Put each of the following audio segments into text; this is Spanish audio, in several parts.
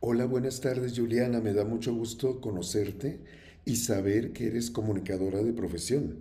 Hola, buenas tardes Juliana, me da mucho gusto conocerte y saber que eres comunicadora de profesión.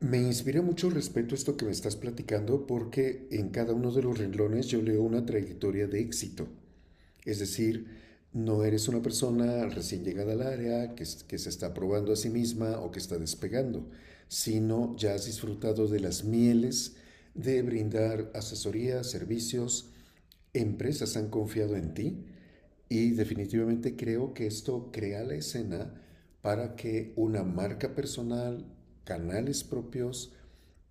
Me inspira mucho respeto esto que me estás platicando porque en cada uno de los renglones yo leo una trayectoria de éxito. Es decir, no eres una persona recién llegada al área que se está probando a sí misma o que está despegando, sino ya has disfrutado de las mieles de brindar asesoría, servicios, empresas han confiado en ti. Y definitivamente creo que esto crea la escena para que una marca personal, canales propios,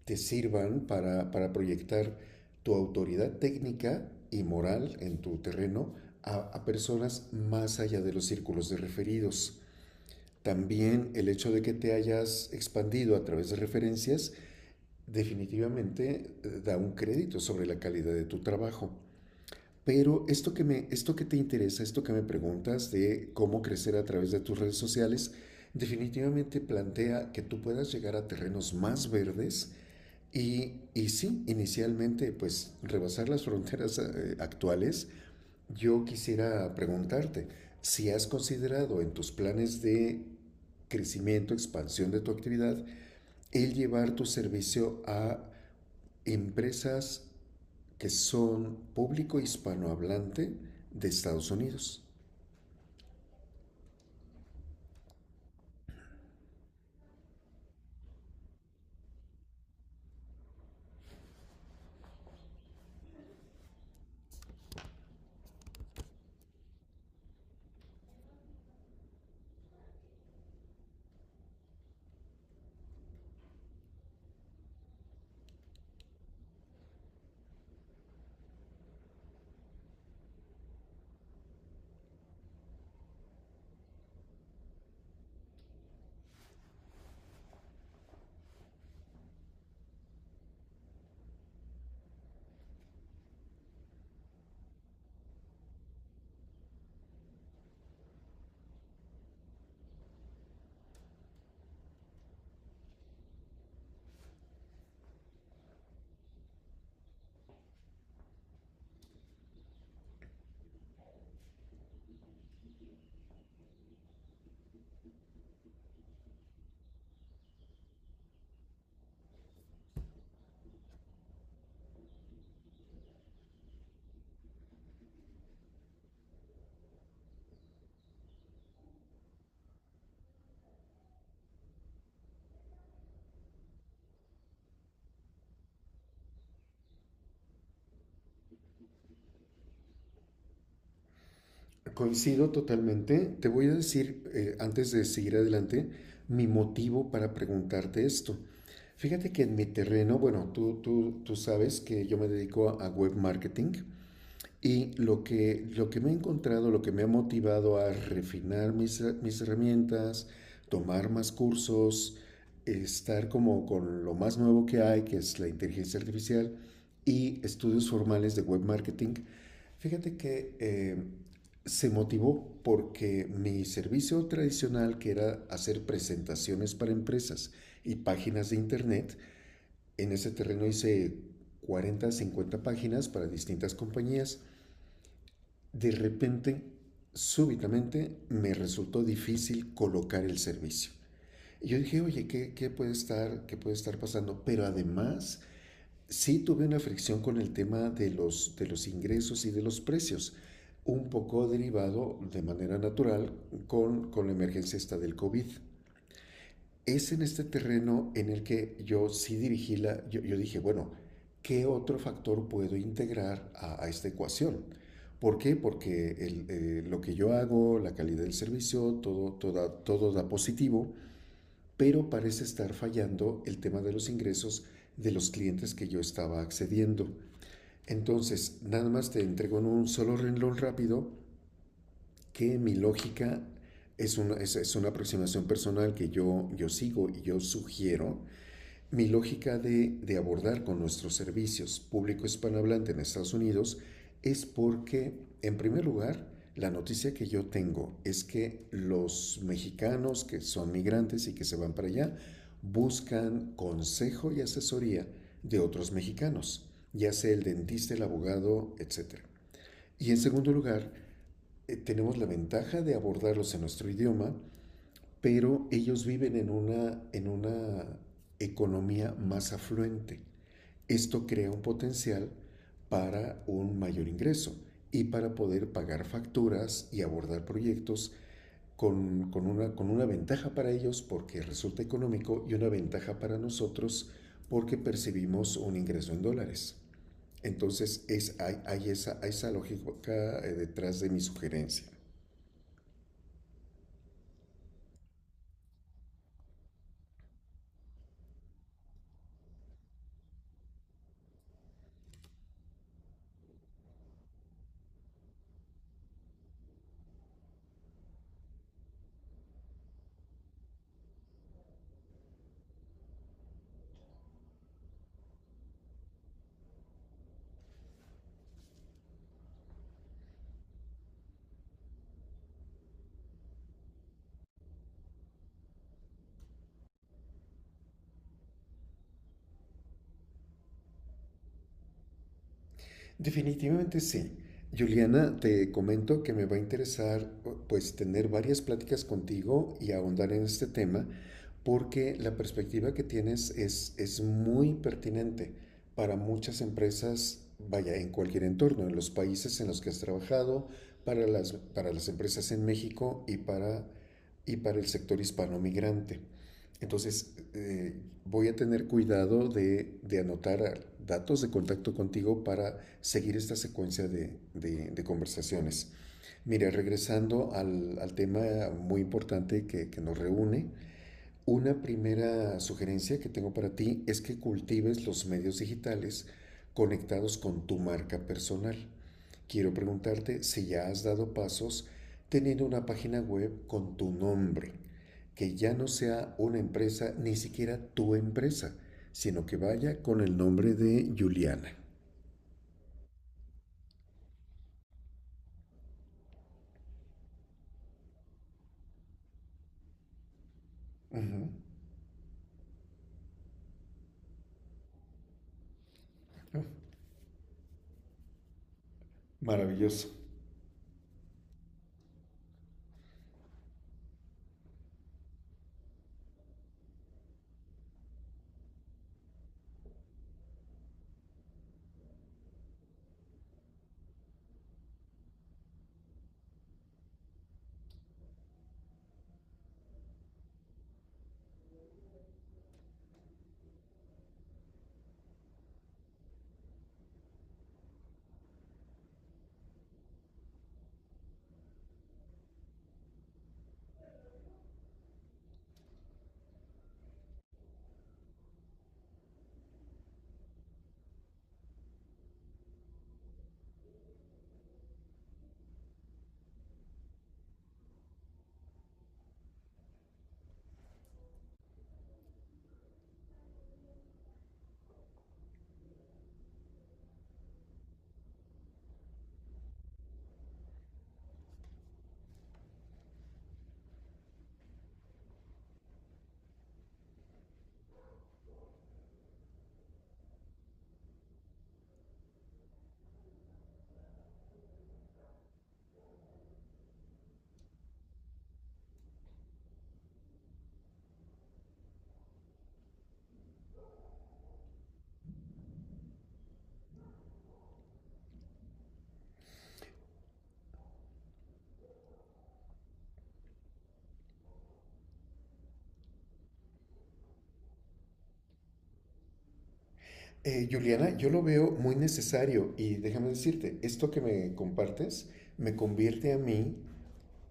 te sirvan para proyectar tu autoridad técnica y moral en tu terreno a personas más allá de los círculos de referidos. También el hecho de que te hayas expandido a través de referencias definitivamente da un crédito sobre la calidad de tu trabajo. Pero esto que te interesa, esto que me preguntas de cómo crecer a través de tus redes sociales, definitivamente plantea que tú puedas llegar a terrenos más verdes y, sí, inicialmente, pues rebasar las fronteras actuales. Yo quisiera preguntarte si has considerado en tus planes de crecimiento, expansión de tu actividad, el llevar tu servicio a empresas que son público hispanohablante de Estados Unidos. Coincido totalmente. Te voy a decir, antes de seguir adelante, mi motivo para preguntarte esto. Fíjate que en mi terreno, bueno, tú sabes que yo me dedico a web marketing. Y lo que me he encontrado, lo que me ha motivado a refinar mis herramientas, tomar más cursos, estar como con lo más nuevo que hay, que es la inteligencia artificial y estudios formales de web marketing, fíjate que se motivó porque mi servicio tradicional, que era hacer presentaciones para empresas y páginas de internet, en ese terreno hice 40 50 páginas para distintas compañías. De repente, súbitamente, me resultó difícil colocar el servicio. Y yo dije, oye, ¿qué puede estar pasando? Pero además, sí tuve una fricción con el tema de los ingresos y de los precios, un poco derivado de manera natural con la emergencia esta del COVID. Es en este terreno en el que yo sí dirigí yo dije, bueno, ¿qué otro factor puedo integrar a esta ecuación? ¿Por qué? Porque lo que yo hago, la calidad del servicio, todo, todo, todo da positivo, pero parece estar fallando el tema de los ingresos de los clientes que yo estaba accediendo. Entonces, nada más te entrego en un solo renglón rápido que mi lógica es una aproximación personal que yo sigo y yo sugiero. Mi lógica de abordar con nuestros servicios público hispanohablante en Estados Unidos es porque, en primer lugar, la noticia que yo tengo es que los mexicanos que son migrantes y que se van para allá buscan consejo y asesoría de otros mexicanos, ya sea el dentista, el abogado, etcétera. Y en segundo lugar, tenemos la ventaja de abordarlos en nuestro idioma, pero ellos viven en una economía más afluente. Esto crea un potencial para un mayor ingreso y para poder pagar facturas y abordar proyectos con una ventaja para ellos porque resulta económico, y una ventaja para nosotros porque percibimos un ingreso en dólares. Entonces es, hay esa lógica detrás de mi sugerencia. Definitivamente sí. Juliana, te comento que me va a interesar pues tener varias pláticas contigo y ahondar en este tema porque la perspectiva que tienes es muy pertinente para muchas empresas, vaya, en cualquier entorno, en los países en los que has trabajado, para las empresas en México y para el sector hispano migrante. Entonces, voy a tener cuidado de, anotar datos de contacto contigo para seguir esta secuencia de conversaciones. Mira, regresando al tema muy importante nos reúne, una primera sugerencia que tengo para ti es que cultives los medios digitales conectados con tu marca personal. Quiero preguntarte si ya has dado pasos teniendo una página web con tu nombre, que ya no sea una empresa, ni siquiera tu empresa, sino que vaya con el nombre de Juliana. Ujú. Oh, maravilloso. Juliana, yo lo veo muy necesario y déjame decirte, esto que me compartes me convierte a mí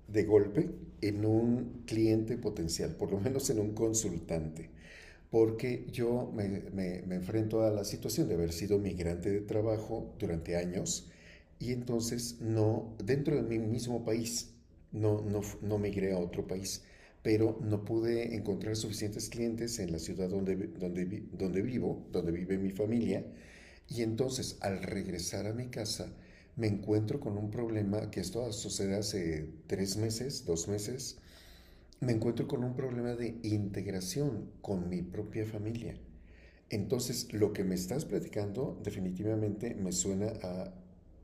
de golpe en un cliente potencial, por lo menos en un consultante. Porque yo me enfrento a la situación de haber sido migrante de trabajo durante años y entonces no, dentro de mi mismo país, no, no, no migré a otro país, pero no pude encontrar suficientes clientes en la ciudad donde vivo, donde vive mi familia, y entonces al regresar a mi casa, me encuentro con un problema, que esto sucede hace 3 meses, 2 meses, me encuentro con un problema de integración con mi propia familia. Entonces, lo que me estás platicando definitivamente me suena a,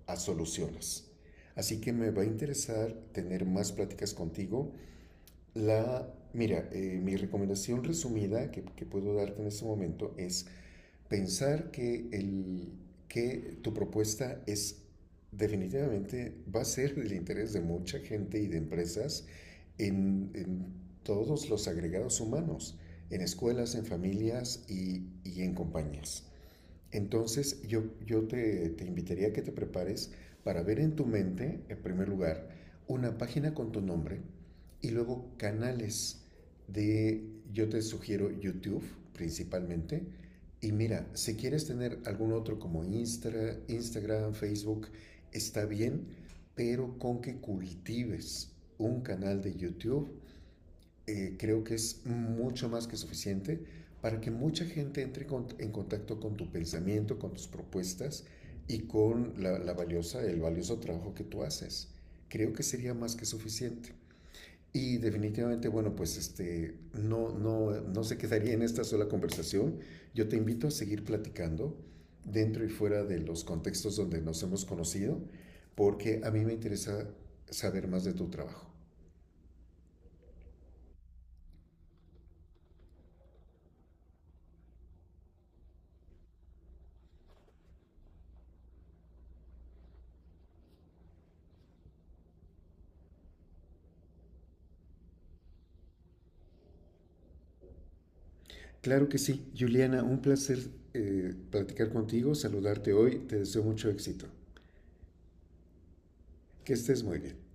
a soluciones. Así que me va a interesar tener más pláticas contigo. Mira, mi recomendación resumida que puedo darte en este momento es pensar que tu propuesta es, definitivamente va a ser del interés de mucha gente y de empresas en todos los agregados humanos, en escuelas, en familias y en compañías. Entonces yo te invitaría a que te prepares para ver en tu mente, en primer lugar, una página con tu nombre y luego canales de, yo te sugiero YouTube principalmente. Y mira, si quieres tener algún otro como Instagram, Facebook, está bien, pero con que cultives un canal de YouTube creo que es mucho más que suficiente para que mucha gente entre en contacto con tu pensamiento, con tus propuestas y con el valioso trabajo que tú haces. Creo que sería más que suficiente. Y definitivamente, bueno, pues este, no, no, no se quedaría en esta sola conversación. Yo te invito a seguir platicando dentro y fuera de los contextos donde nos hemos conocido, porque a mí me interesa saber más de tu trabajo. Claro que sí, Juliana, un placer platicar contigo, saludarte hoy, te deseo mucho éxito. Que estés muy bien.